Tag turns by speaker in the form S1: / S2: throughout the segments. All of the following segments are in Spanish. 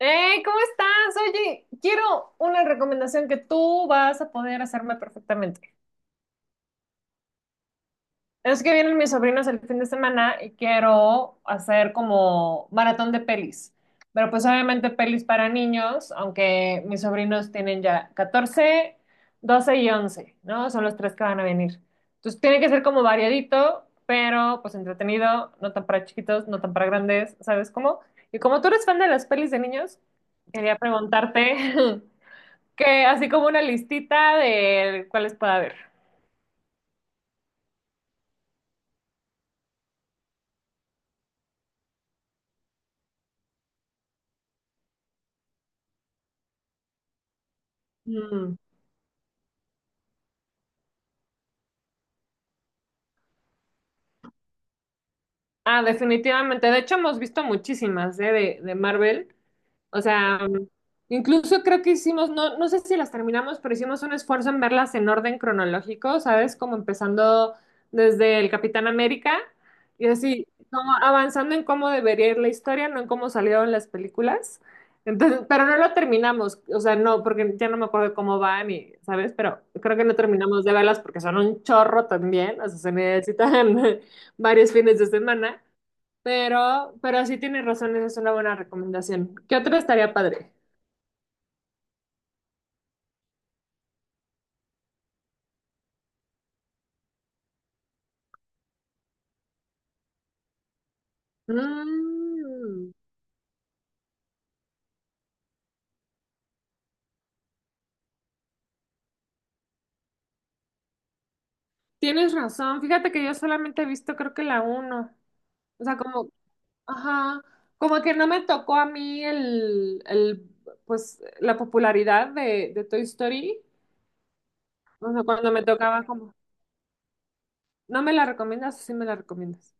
S1: ¿Cómo estás? Oye, quiero una recomendación que tú vas a poder hacerme perfectamente. Es que vienen mis sobrinos el fin de semana y quiero hacer como maratón de pelis. Pero pues obviamente pelis para niños, aunque mis sobrinos tienen ya 14, 12 y 11, ¿no? Son los tres que van a venir. Entonces tiene que ser como variadito, pero pues entretenido, no tan para chiquitos, no tan para grandes, ¿sabes cómo? Y como tú eres fan de las pelis de niños, quería preguntarte... Que así como una listita de cuáles puede haber. Mm. Ah, definitivamente. De hecho, hemos visto muchísimas, ¿eh? de Marvel. O sea, incluso creo que hicimos, no, no sé si las terminamos, pero hicimos un esfuerzo en verlas en orden cronológico, ¿sabes? Como empezando desde el Capitán América y así, como avanzando en cómo debería ir la historia, no en cómo salieron las películas. Entonces, pero no lo terminamos, o sea, no, porque ya no me acuerdo cómo van y, ¿sabes? Pero creo que no terminamos de verlas porque son un chorro también, o sea, se necesitan varios fines de semana. Pero sí tienes razón, esa es una buena recomendación. ¿Qué otra estaría padre? Mm, tienes razón. Fíjate que yo solamente he visto creo que la uno. O sea, como, ajá, como que no me tocó a mí el pues, la popularidad de Toy Story. O sea, cuando me tocaba como, ¿no me la recomiendas o sí me la recomiendas?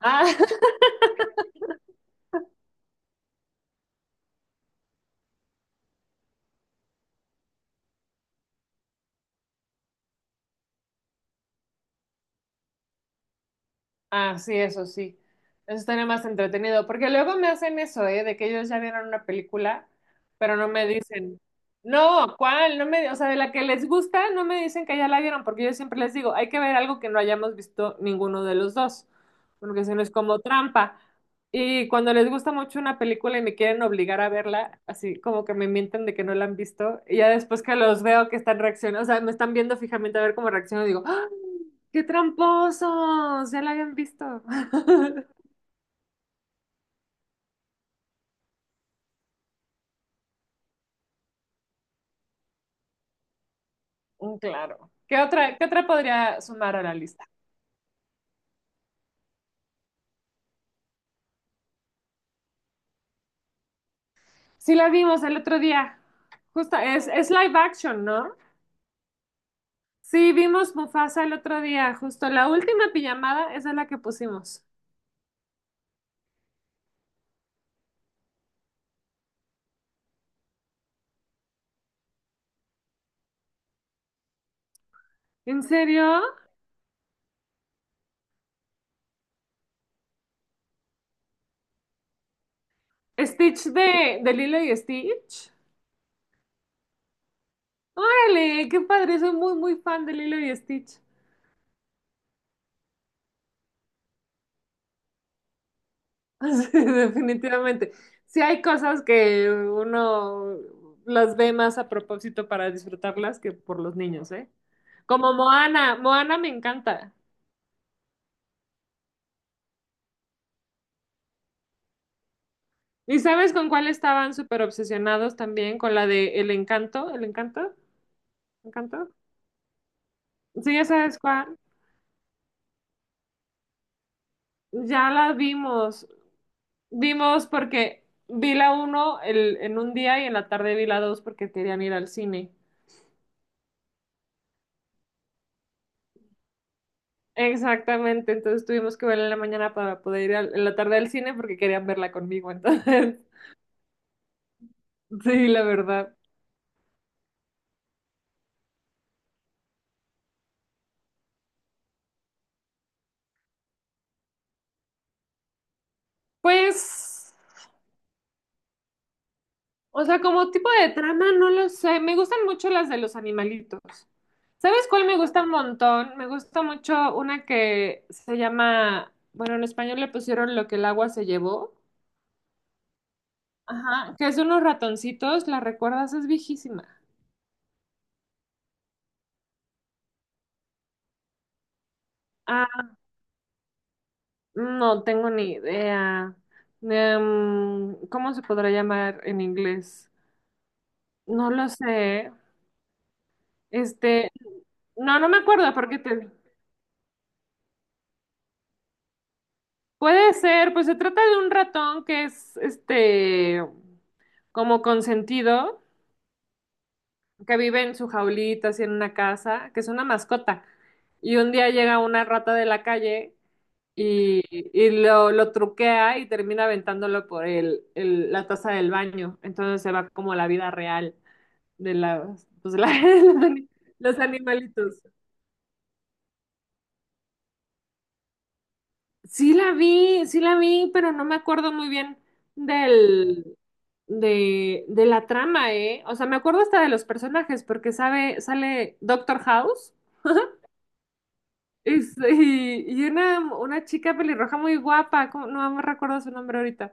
S1: Ah, Ah, sí. Eso estaría más entretenido. Porque luego me hacen eso, ¿eh? De que ellos ya vieron una película, pero no me dicen, no, ¿cuál? No me, o sea, de la que les gusta, no me dicen que ya la vieron, porque yo siempre les digo, hay que ver algo que no hayamos visto ninguno de los dos, porque si no es como trampa. Y cuando les gusta mucho una película y me quieren obligar a verla, así como que me mienten de que no la han visto, y ya después que los veo que están reaccionando, o sea, me están viendo fijamente a ver cómo reacciono, digo, ¡ah! ¡Qué tramposos! Ya la habían visto. Mm, claro. Qué otra podría sumar a la lista? Sí la vimos el otro día. Justo, es live action, ¿no? Sí, vimos Mufasa el otro día, justo. La última pijamada, esa es la que pusimos. ¿En serio? ¿Stitch de Lilo y Stitch? ¡Órale! ¡Qué padre! Soy muy, muy fan de Lilo y Stitch. Sí, definitivamente. Sí hay cosas que uno las ve más a propósito para disfrutarlas que por los niños, ¿eh? Como Moana, Moana me encanta. ¿Y sabes con cuál estaban súper obsesionados también? Con la de El Encanto, ¿El Encanto? ¿Encanto? Sí, ya sabes cuál. Ya la vimos. Vimos porque vi la uno en un día y en la tarde vi la dos porque querían ir al cine. Exactamente, entonces tuvimos que verla en la mañana para poder ir en la tarde al cine porque querían verla conmigo, entonces, sí, la verdad. Pues, o sea, como tipo de trama, no lo sé, me gustan mucho las de los animalitos. ¿Sabes cuál me gusta un montón? Me gusta mucho una que se llama, bueno, en español le pusieron Lo que el agua se llevó, ajá, que es de unos ratoncitos, ¿la recuerdas? Es viejísima. No tengo ni idea. ¿Cómo se podrá llamar en inglés? No lo sé. Este, no, no me acuerdo porque te... Puede ser, pues se trata de un ratón que es, este, como consentido, que vive en su jaulita, así en una casa, que es una mascota. Y un día llega una rata de la calle y lo truquea y termina aventándolo por el, la taza del baño. Entonces se va como la vida real. De la, pues, los animalitos. Sí la vi, pero no me acuerdo muy bien del, de la trama, ¿eh? O sea, me acuerdo hasta de los personajes, porque sabe, sale Doctor House y una chica pelirroja muy guapa, ¿cómo? No me recuerdo su nombre ahorita.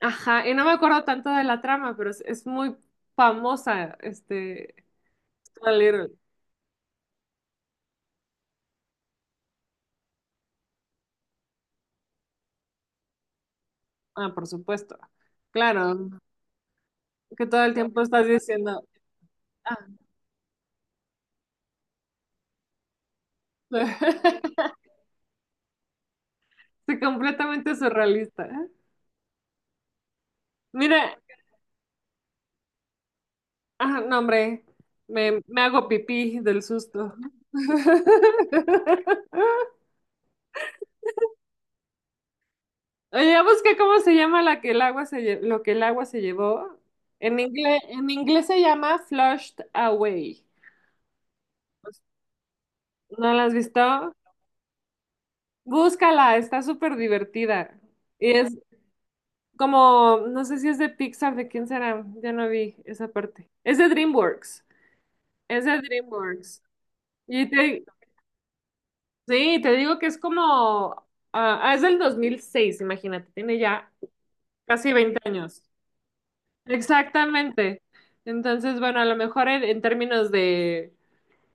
S1: Ajá, y no me acuerdo tanto de la trama, pero es muy famosa, este, Scarlet Little. Ah, por supuesto. Claro, que todo el tiempo estás diciendo. Ah, estoy completamente surrealista. Mira, ah, no, hombre, me hago pipí del susto. Oye, ya busqué cómo se llama la que el agua se lo que el agua se llevó. En inglés se llama Flushed Away. ¿No la has visto? Búscala, está súper divertida. Y es como, no sé si es de Pixar, de quién será, ya no vi esa parte. Es de DreamWorks, es de DreamWorks. Y te, sí, te digo que es como, es del 2006. Imagínate, tiene ya casi 20 años. Exactamente. Entonces, bueno, a lo mejor en términos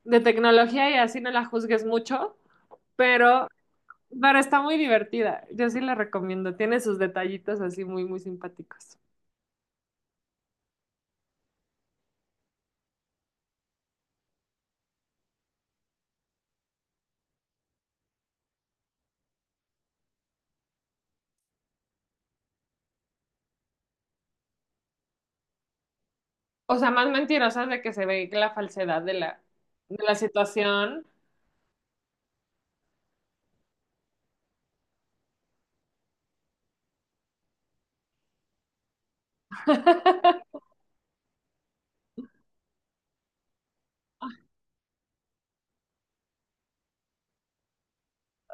S1: de tecnología y así no la juzgues mucho, pero, pero está muy divertida. Yo sí la recomiendo. Tiene sus detallitos así muy, muy simpáticos. O sea, más mentirosas de que se ve la falsedad de la situación.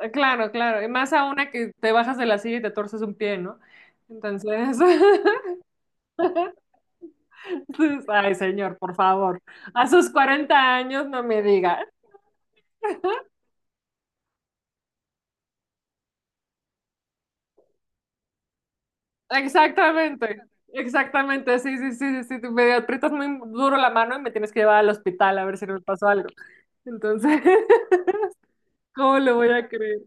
S1: Claro, claro. Y más a una que te bajas de la silla y te torces un pie, ¿no? Entonces... Ay, señor, por favor. A sus 40 años no me diga. Exactamente, exactamente. Sí, sí, sí, sí. Sí. Me aprietas muy duro la mano y me tienes que llevar al hospital a ver si no me pasó algo. Entonces, ¿cómo lo voy a creer?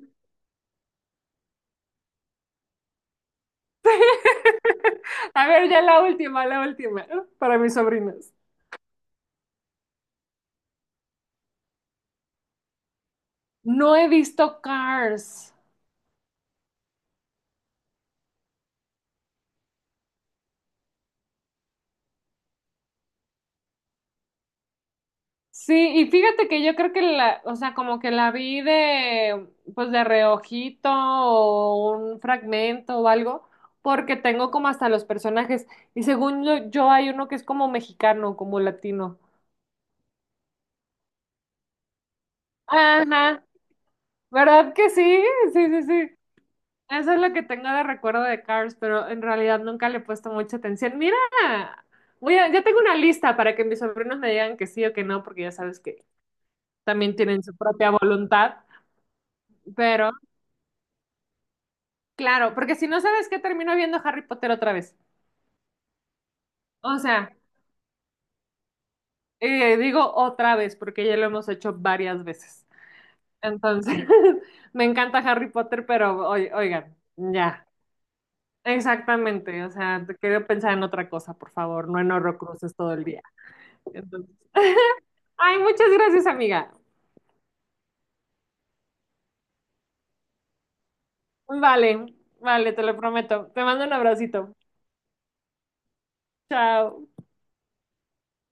S1: A ver, ya la última, para mis sobrinas. No he visto Cars. Sí, y fíjate que yo creo que la, o sea, como que la vi de, pues de reojito o un fragmento o algo, porque tengo como hasta los personajes. Y según yo, yo hay uno que es como mexicano, como latino. Ajá, ¿verdad que sí? Sí, sí, sí. Eso es lo que tengo de recuerdo de Cars, pero en realidad nunca le he puesto mucha atención. Mira, ya tengo una lista para que mis sobrinos me digan que sí o que no, porque ya sabes que también tienen su propia voluntad, pero... Claro, porque si no sabes qué termino viendo Harry Potter otra vez. O sea, digo otra vez porque ya lo hemos hecho varias veces. Entonces, me encanta Harry Potter, pero oigan, ya, exactamente. O sea, te quiero pensar en otra cosa, por favor, no en Horrocruxes todo el día. Entonces, ay, muchas gracias, amiga. Vale, vale, te lo prometo. Te mando un abracito. Chao.